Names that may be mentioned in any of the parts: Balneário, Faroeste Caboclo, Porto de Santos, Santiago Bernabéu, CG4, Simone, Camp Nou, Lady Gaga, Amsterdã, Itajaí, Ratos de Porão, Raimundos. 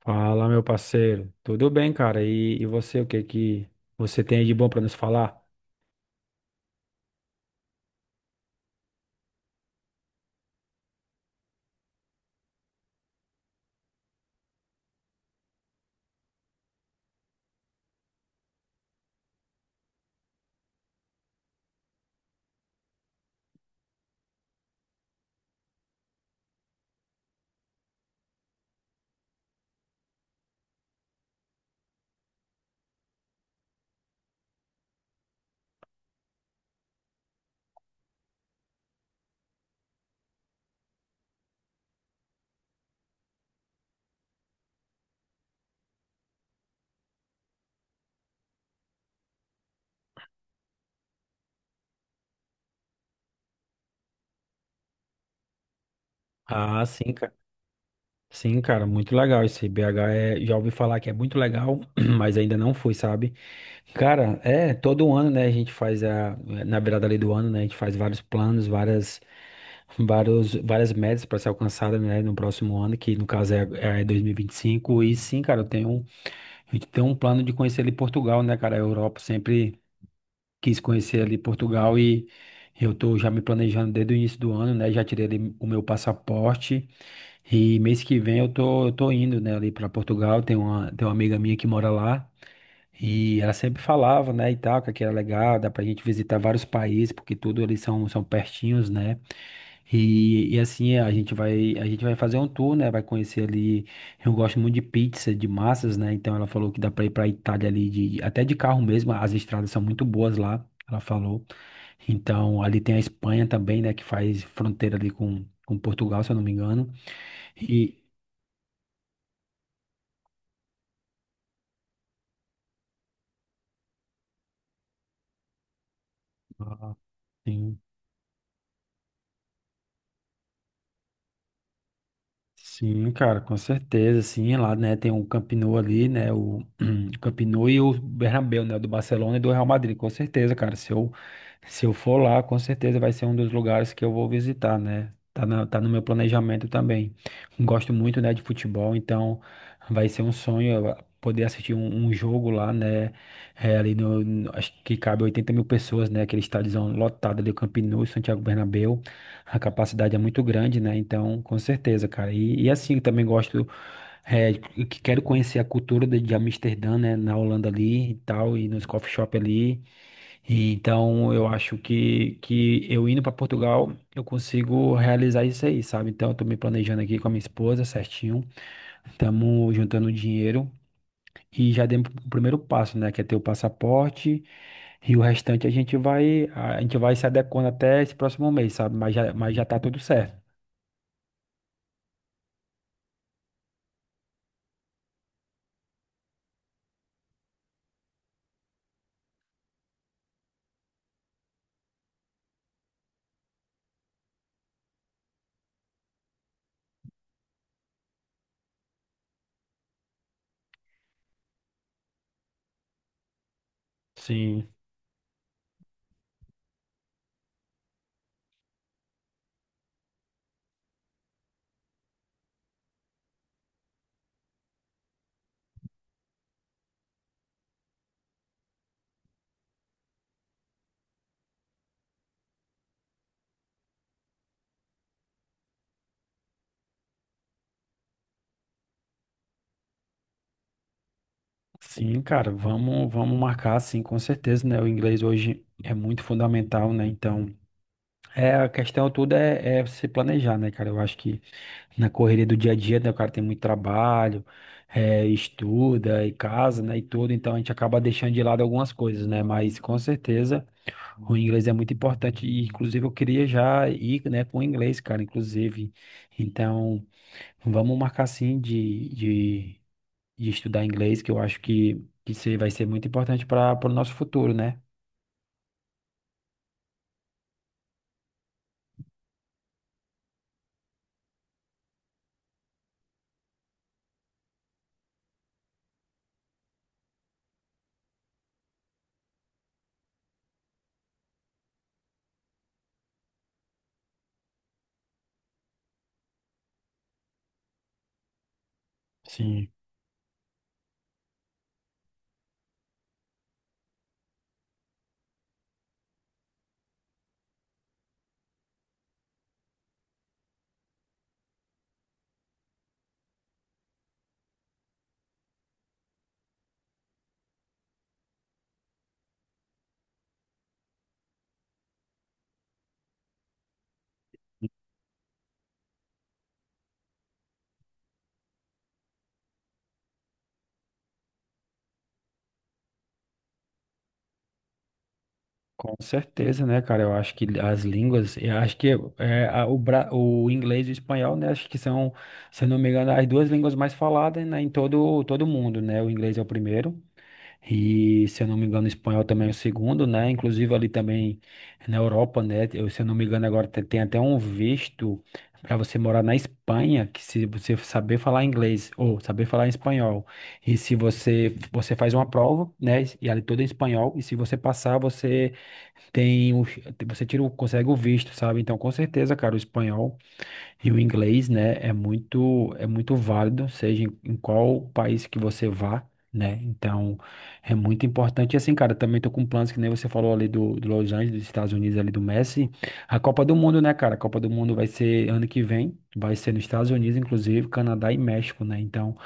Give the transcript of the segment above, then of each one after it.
Fala, meu parceiro. Tudo bem, cara? E você, o que que você tem aí de bom pra nos falar? Ah, sim, cara. Sim, cara, muito legal esse BH já ouvi falar que é muito legal, mas ainda não fui, sabe? Cara, todo ano, né, a gente faz na virada ali do ano, né, a gente faz vários planos, várias metas para ser alcançada, né, no próximo ano, que no caso é 2025, e vinte e cinco. E sim, cara, a gente tem um plano de conhecer ali Portugal, né, cara, a Europa sempre quis conhecer ali Portugal e eu tô já me planejando desde o início do ano, né? Já tirei ali o meu passaporte e mês que vem eu tô indo, né, ali para Portugal. Tem uma amiga minha que mora lá. E ela sempre falava, né, e tal, que aqui era legal, dá pra gente visitar vários países, porque tudo ali são pertinhos, né? E assim, a gente vai fazer um tour, né? Vai conhecer ali. Eu gosto muito de pizza, de massas, né? Então ela falou que dá pra ir pra Itália ali, até de carro mesmo, as estradas são muito boas lá, ela falou. Então ali tem a Espanha também, né, que faz fronteira ali com Portugal, se eu não me engano. E. Ah, sim. Sim, cara, com certeza, sim, lá, né, tem o Camp Nou ali, né, o Camp Nou e o Bernabéu, né, do Barcelona e do Real Madrid, com certeza, cara, se eu for lá, com certeza vai ser um dos lugares que eu vou visitar, né, tá no meu planejamento também, gosto muito, né, de futebol, então vai ser um sonho eu poder assistir um jogo lá, né, ali acho que cabe 80 mil pessoas, né, aquele estádiozão lotado ali, o Camp Nou e o Santiago Bernabéu, a capacidade é muito grande, né? Então, com certeza, cara. E assim, eu também gosto, que quero conhecer a cultura de Amsterdã, né? Na Holanda ali e tal, e nos coffee shop ali. E, então, eu acho que eu indo para Portugal, eu consigo realizar isso aí, sabe? Então, eu tô me planejando aqui com a minha esposa, certinho. Estamos juntando dinheiro e já demos o primeiro passo, né? Que é ter o passaporte. E o restante a gente vai se adequando até esse próximo mês, sabe? Mas já tá tudo certo. Sim, sim, cara, vamos marcar, sim, com certeza, né? O inglês hoje é muito fundamental, né? Então, a questão tudo é se planejar, né, cara? Eu acho que na correria do dia a dia, né, o cara tem muito trabalho, estuda e casa, né, e tudo, então a gente acaba deixando de lado algumas coisas, né? Mas com certeza o inglês é muito importante e, inclusive, eu queria já ir, né, com o inglês, cara, inclusive. Então, vamos marcar, sim, de estudar inglês, que eu acho que isso vai ser muito importante para o nosso futuro, né? Sim. Com certeza, né, cara? Eu acho que as línguas, eu acho que o inglês e o espanhol, né? Acho que são, se eu não me engano, as duas línguas mais faladas, né, em todo mundo, né? O inglês é o primeiro. E, se eu não me engano, o espanhol também é o segundo, né? Inclusive ali também na Europa, né? Eu, se eu não me engano, tem até um visto para você morar na Espanha, que se você saber falar inglês ou saber falar espanhol, e se você faz uma prova, né? E ali tudo em espanhol, e se você passar, você tem você tira, consegue o visto, sabe? Então, com certeza, cara, o espanhol e o inglês, né, é muito válido, seja em, em qual país que você vá, né? Então, é muito importante. E assim, cara, também tô com planos que nem você falou ali do, do Los Angeles, dos Estados Unidos, ali do Messi. A Copa do Mundo, né, cara? A Copa do Mundo vai ser ano que vem, vai ser nos Estados Unidos, inclusive, Canadá e México, né? Então,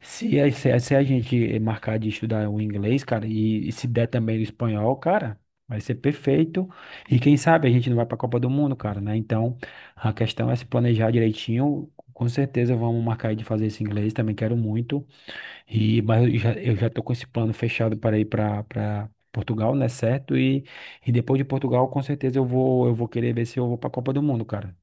se a gente marcar de estudar o inglês, cara, e se der também o espanhol, cara, vai ser perfeito. E quem sabe a gente não vai para a Copa do Mundo, cara, né? Então, a questão é se planejar direitinho. Com certeza vamos marcar aí de fazer esse inglês, também quero muito. E, mas eu já tô com esse plano fechado para ir para Portugal, né? Certo? E depois de Portugal, com certeza eu vou querer ver se eu vou para a Copa do Mundo, cara.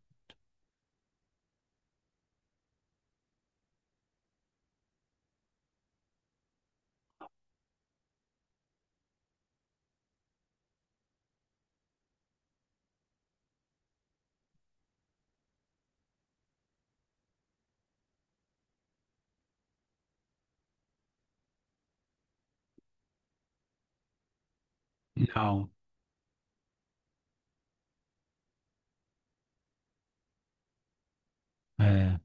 Não. É.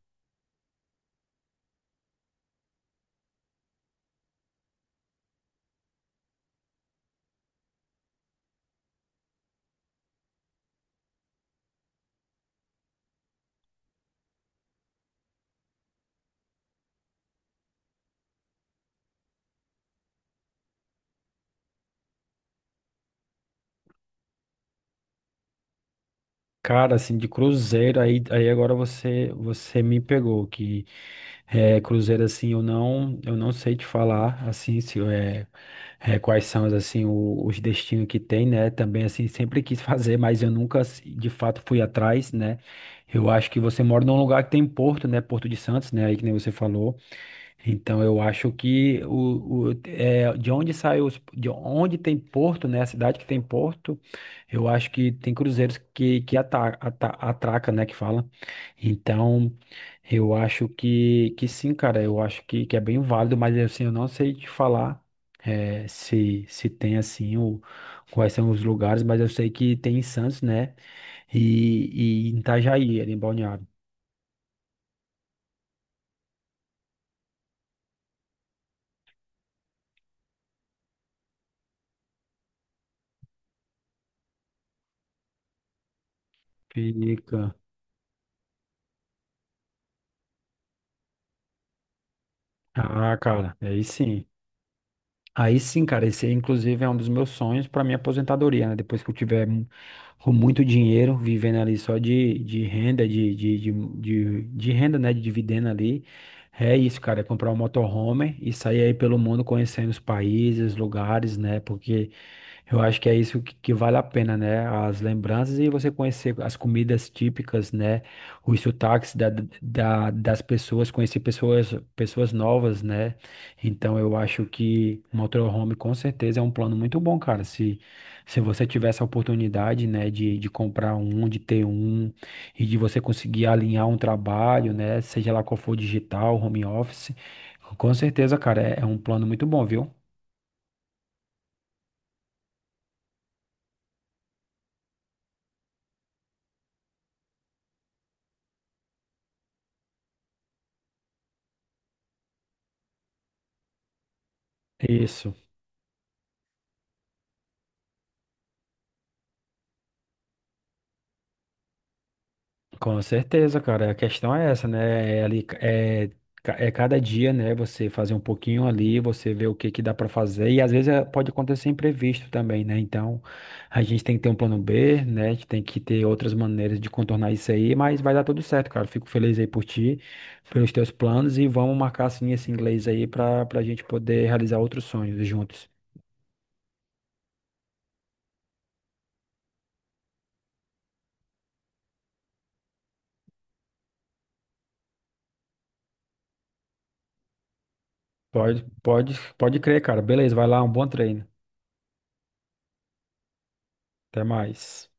Cara, assim, de cruzeiro, aí agora você me pegou, que cruzeiro, assim, eu não sei te falar, assim, se é, é, quais são, assim, os destinos que tem, né, também, assim, sempre quis fazer, mas eu nunca, assim, de fato, fui atrás, né, eu acho que você mora num lugar que tem porto, né, Porto de Santos, né, aí que nem você falou, então eu acho que de onde de onde tem porto, né? A cidade que tem porto, eu acho que tem cruzeiros que atraca, né? Que fala. Então eu acho que sim, cara. Eu acho que é bem válido, mas assim eu não sei te falar se se tem assim o quais são os lugares, mas eu sei que tem em Santos, né? E em Itajaí, ali em Balneário. Fica. Ah, cara, aí sim. Aí sim, cara, esse aí, inclusive é um dos meus sonhos para minha aposentadoria, né? Depois que com muito dinheiro, vivendo ali só de renda, né? De dividendo ali. É isso, cara, é comprar um motorhome e sair aí pelo mundo conhecendo os países, lugares, né? Porque eu acho que é isso que vale a pena, né? As lembranças e você conhecer as comidas típicas, né? Os sotaques das pessoas, conhecer pessoas, pessoas novas, né? Então eu acho que o motorhome com certeza é um plano muito bom, cara. Se você tiver essa oportunidade, né, de comprar um, de ter um, e de você conseguir alinhar um trabalho, né, seja lá qual for digital, home office, com certeza, cara, é um plano muito bom, viu? Isso. Com certeza, cara. A questão é essa, né? É cada dia, né? Você fazer um pouquinho ali, você ver o que que dá pra fazer. E às vezes pode acontecer imprevisto também, né? Então a gente tem que ter um plano B, né? A gente tem que ter outras maneiras de contornar isso aí, mas vai dar tudo certo, cara. Fico feliz aí por ti, pelos teus planos e vamos marcar assim esse inglês aí pra gente poder realizar outros sonhos juntos. Pode crer, cara. Beleza, vai lá, um bom treino. Até mais.